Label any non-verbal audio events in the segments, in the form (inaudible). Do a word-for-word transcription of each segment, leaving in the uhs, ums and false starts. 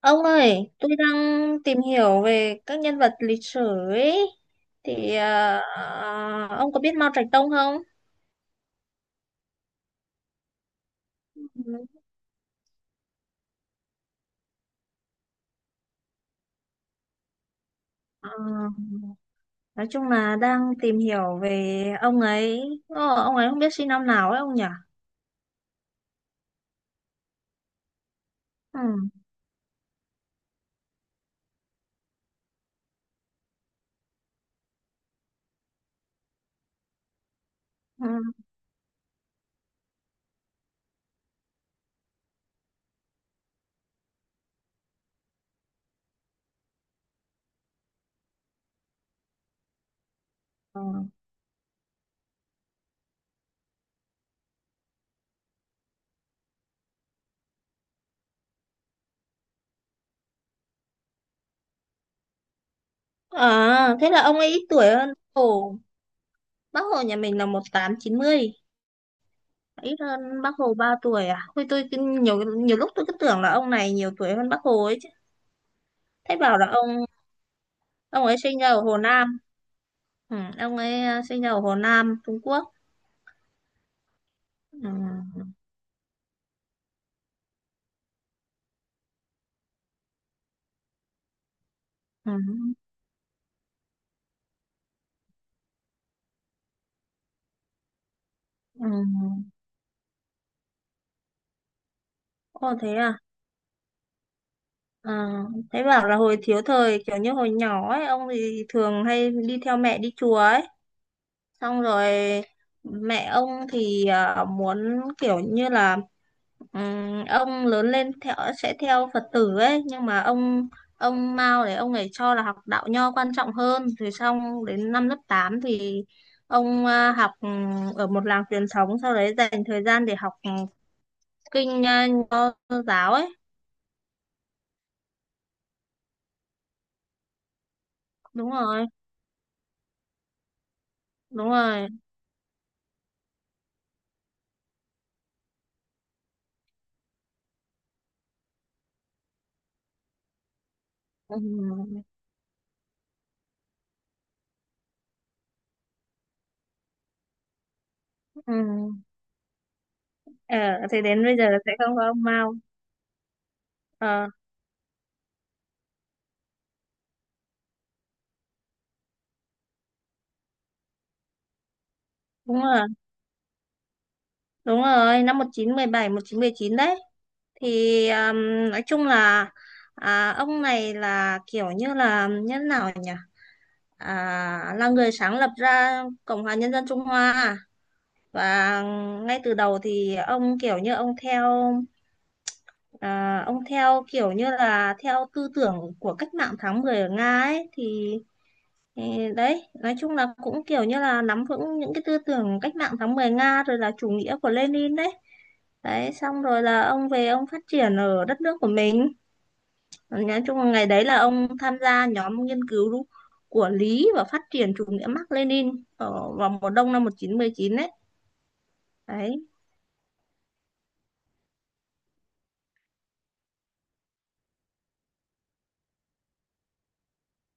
Ông ơi, tôi đang tìm hiểu về các nhân vật lịch sử ấy. Thì ờ, ông có biết Mao Trạch Đông không? Ừ. Ờ, nói chung là đang tìm hiểu về ông ấy. Ờ, ông ấy không biết sinh năm nào ấy ông nhỉ? Ừ, ừ, ừ. À, thế là ông ấy ít tuổi hơn Bác Hồ. Bác Hồ nhà mình là một tám chín mươi, ít hơn Bác Hồ ba tuổi à? Thôi tôi cứ- nhiều nhiều lúc tôi cứ tưởng là ông này nhiều tuổi hơn Bác Hồ ấy chứ. Thế bảo là ông ông ấy sinh ra ở Hồ Nam. Ừ, ông ấy ờ, sinh ra ở Hồ Nam, Trung Quốc. Ừ, ừ, ừ. Ồ thế à? À, thế bảo là hồi thiếu thời kiểu như hồi nhỏ ấy, ông thì thường hay đi theo mẹ đi chùa ấy. Xong rồi mẹ ông thì ờ, muốn kiểu như là Ừm, ông lớn lên theo, sẽ theo Phật tử ấy, nhưng mà ông ông Mao đấy ông ấy cho là học đạo nho quan trọng hơn, rồi xong đến năm lớp tám thì ông à, học ừm, ở một làng truyền thống, sau đấy dành thời gian để học ừm, kinh à, nho giáo ấy. Đúng rồi, đúng rồi. Ừm, ừm. Ờ, thì đến bây giờ sẽ không có ông Mao. Ờ, đúng rồi, đúng rồi năm một chín một bảy, chín một chín đấy. Thì um, nói chung là à, ông này là kiểu như là như thế nào nhỉ? à, là người sáng lập ra Cộng hòa Nhân dân Trung Hoa à? Và ngay từ đầu thì ông kiểu như ông theo, à, ông theo kiểu như là theo tư tưởng của cách mạng tháng mười ở Nga ấy. thì ừ, đấy nói chung là cũng kiểu như là nắm vững những cái tư tưởng cách mạng tháng mười Nga rồi là chủ nghĩa của Lenin đấy. Đấy xong rồi là ông về, ông phát triển ở đất nước của mình. Ờ, Nói chung là ngày đấy là ông tham gia nhóm nghiên cứu của Lý và phát triển chủ nghĩa Mác Lênin ở vào mùa đông năm một nghìn chín trăm mười chín đấy. Đấy.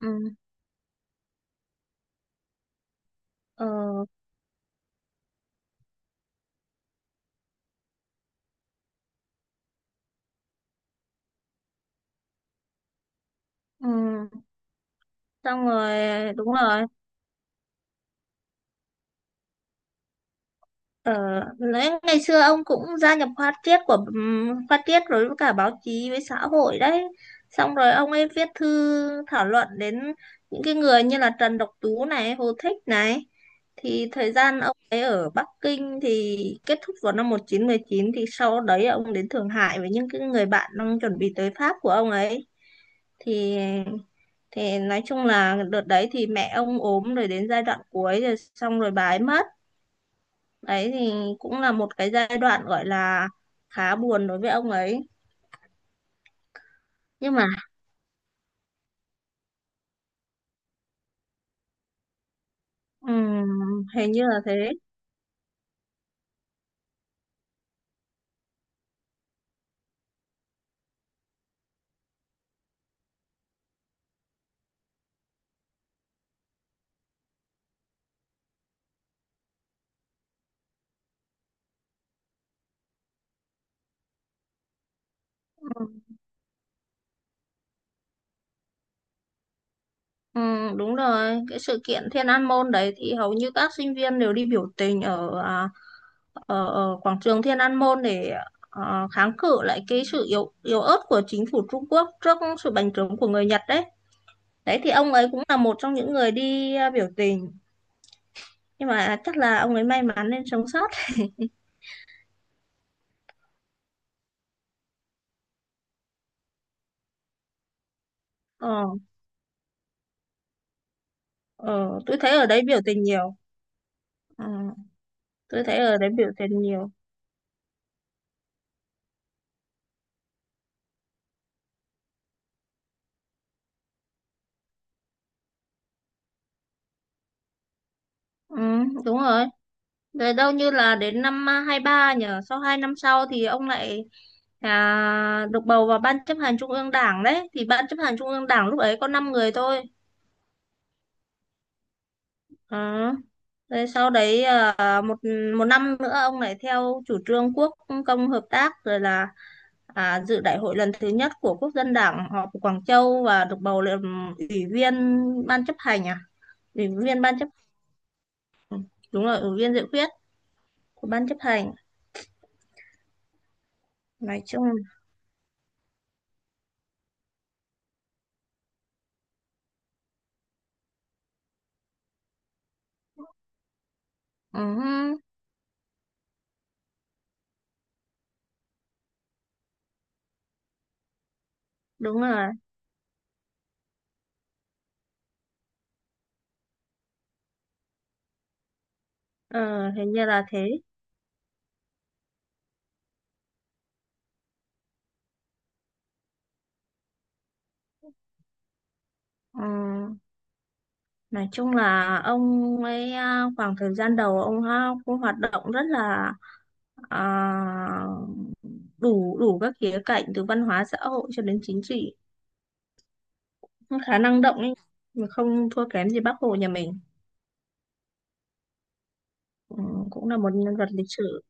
Ừ. Ờ, ừ. Xong rồi đúng rồi. Ờ, lẽ ngày xưa ông cũng gia nhập khoa triết của ừm, khoa triết, rồi với cả báo chí với xã hội đấy. Xong rồi ông ấy viết thư thảo luận đến những cái người như là Trần Độc Tú này, Hồ Thích này. Thì thời gian ông ấy ở Bắc Kinh thì kết thúc vào năm một nghìn chín trăm mười chín, thì sau đấy ông đến Thượng Hải với những cái người bạn đang chuẩn bị tới Pháp của ông ấy. Thì thì nói chung là đợt đấy thì mẹ ông ốm rồi, đến giai đoạn cuối rồi xong rồi bà ấy mất. Đấy thì cũng là một cái giai đoạn gọi là khá buồn đối với ông ấy, nhưng mà ừm, hình như là thế. Ừm, đúng rồi, cái sự kiện Thiên An Môn đấy thì hầu như các sinh viên đều đi biểu tình ở à, ở, ở quảng trường Thiên An Môn, để à, kháng cự lại cái sự yếu yếu ớt của chính phủ Trung Quốc trước sự bành trướng của người Nhật đấy. Đấy thì ông ấy cũng là một trong những người đi, à, biểu tình, nhưng mà chắc là ông ấy may mắn nên sống sót. ờ, ờ, tôi thấy ở đấy biểu tình nhiều. Ờ. Tôi thấy ở đấy biểu hiện nhiều. ừ, đúng rồi, rồi đâu như là đến năm à, hai ba nhở, sau hai năm sau thì ông lại à, được bầu vào ban chấp hành trung ương đảng đấy, thì ban chấp hành trung ương đảng lúc đấy có năm người thôi. Ờ, rồi sau đấy à, một một năm nữa ông lại theo chủ trương quốc công hợp tác, rồi là à, dự đại hội lần thứ nhất của quốc dân đảng họp ở Quảng Châu và được bầu làm ủy viên ban chấp hành à ủy viên ban chấp đúng rồi, ủy viên dự khuyết của ban chấp hành, nói chung. Ừ, đúng rồi. Ờ, hình như là thế. Ừ, nói chung là ông ấy, à, khoảng thời gian đầu ông ha, cũng hoạt động rất là à, đủ đủ các khía cạnh từ văn hóa xã hội cho đến chính trị. Cũng khá năng động ấy, mà không thua kém gì Bác Hồ nhà mình. Ừ, cũng là một nhân vật lịch sử.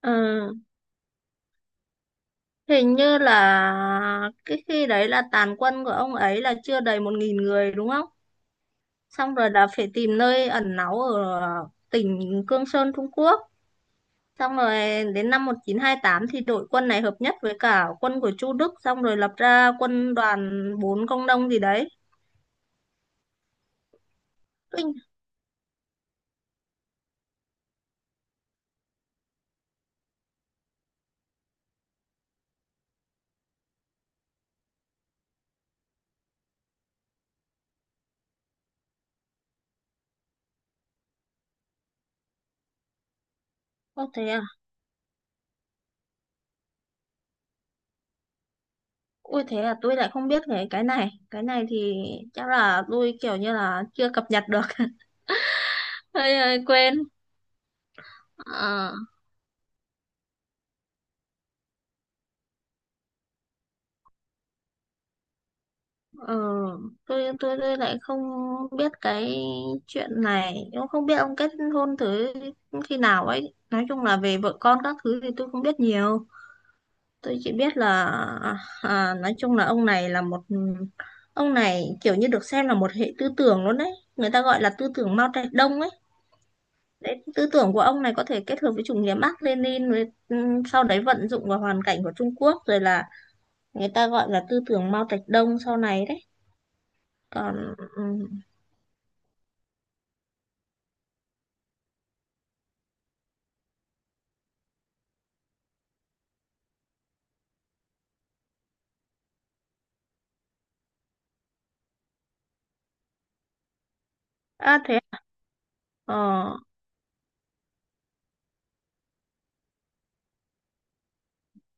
Ờ, hình như là cái khi đấy là tàn quân của ông ấy là chưa đầy một nghìn người đúng không? Xong rồi là phải tìm nơi ẩn náu ở tỉnh Cương Sơn Trung Quốc, xong rồi đến năm một chín hai tám thì đội quân này hợp nhất với cả quân của Chu Đức, xong rồi lập ra quân đoàn bốn công nông gì đấy. Kinh, ô thế à, ôi thế là tôi lại không biết cái cái này, cái này thì chắc là tôi kiểu như là chưa cập nhật được (laughs) hơi hơi quên. Ờ, Ờ, tôi tôi tôi lại không biết cái chuyện này, cũng không biết ông kết hôn thử khi nào ấy, nói chung là về vợ con các thứ thì tôi không biết nhiều. Tôi chỉ biết là à, nói chung là ông này là một, ông này kiểu như được xem là một hệ tư tưởng luôn đấy, người ta gọi là tư tưởng Mao Trạch Đông ấy. Đấy tư tưởng của ông này có thể kết hợp với chủ nghĩa Mác Lênin rồi ừm, sau đấy vận dụng vào hoàn cảnh của Trung Quốc, rồi là người ta gọi là tư tưởng Mao Trạch Đông sau này đấy. Còn ừm, À, thế ờ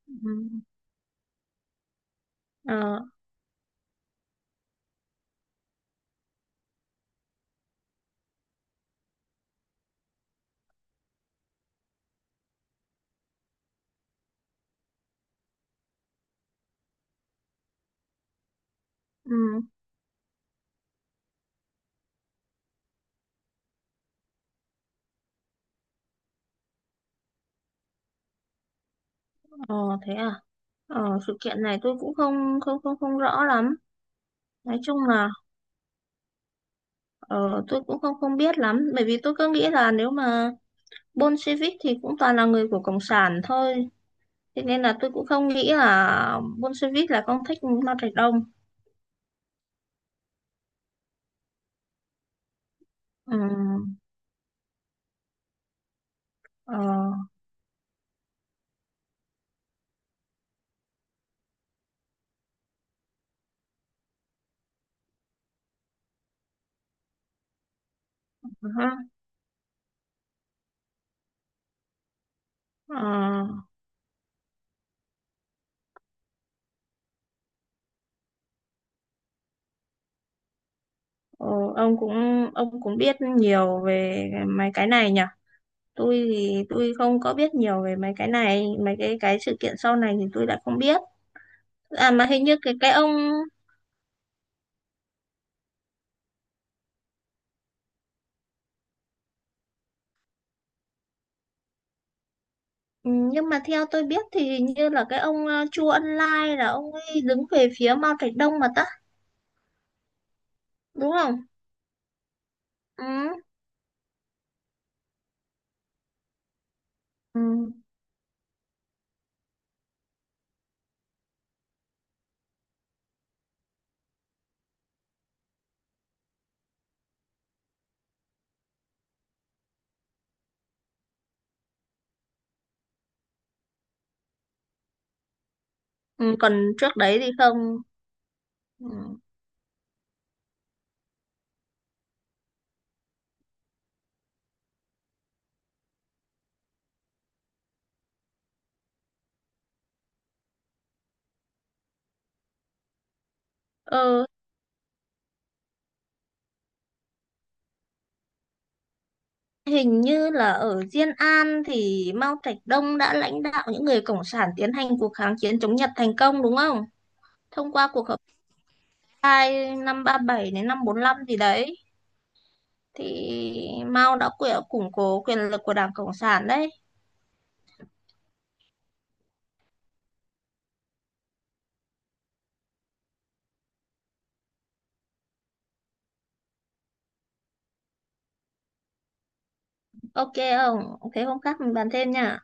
ừ, ờ ừ, ờ thế à, ờ sự kiện này tôi cũng không không không không rõ lắm, nói chung là ờ tôi cũng không không biết lắm, bởi vì tôi cứ nghĩ là nếu mà Bolshevik thì cũng toàn là người của cộng sản thôi, thế nên là tôi cũng không nghĩ là Bolshevik là con thích Mao Trạch Đông. ừ, ờ ha, ờ, ờ, ông cũng, ông cũng biết nhiều về mấy cái này nhỉ. Tôi thì tôi không có biết nhiều về mấy cái này, mấy cái cái sự kiện sau này thì tôi đã không biết. À mà hình như cái cái ông, ừ, nhưng mà theo tôi biết thì hình như là cái ông ờ, Chu Ân Lai là ông ấy đứng về phía Mao Trạch Đông mà ta, đúng không? Ừ. Ừ. Ừ, còn trước đấy thì không. Ừ. Ờ, hình như là ở Diên An thì Mao Trạch Đông đã lãnh đạo những người cộng sản tiến hành cuộc kháng chiến chống Nhật thành công, đúng không, thông qua cuộc họp hai năm ba bảy đến năm bốn lăm gì đấy, thì Mao đã củng cố quyền lực của Đảng Cộng sản đấy. Ok không? Thế hôm khác mình bàn thêm nha.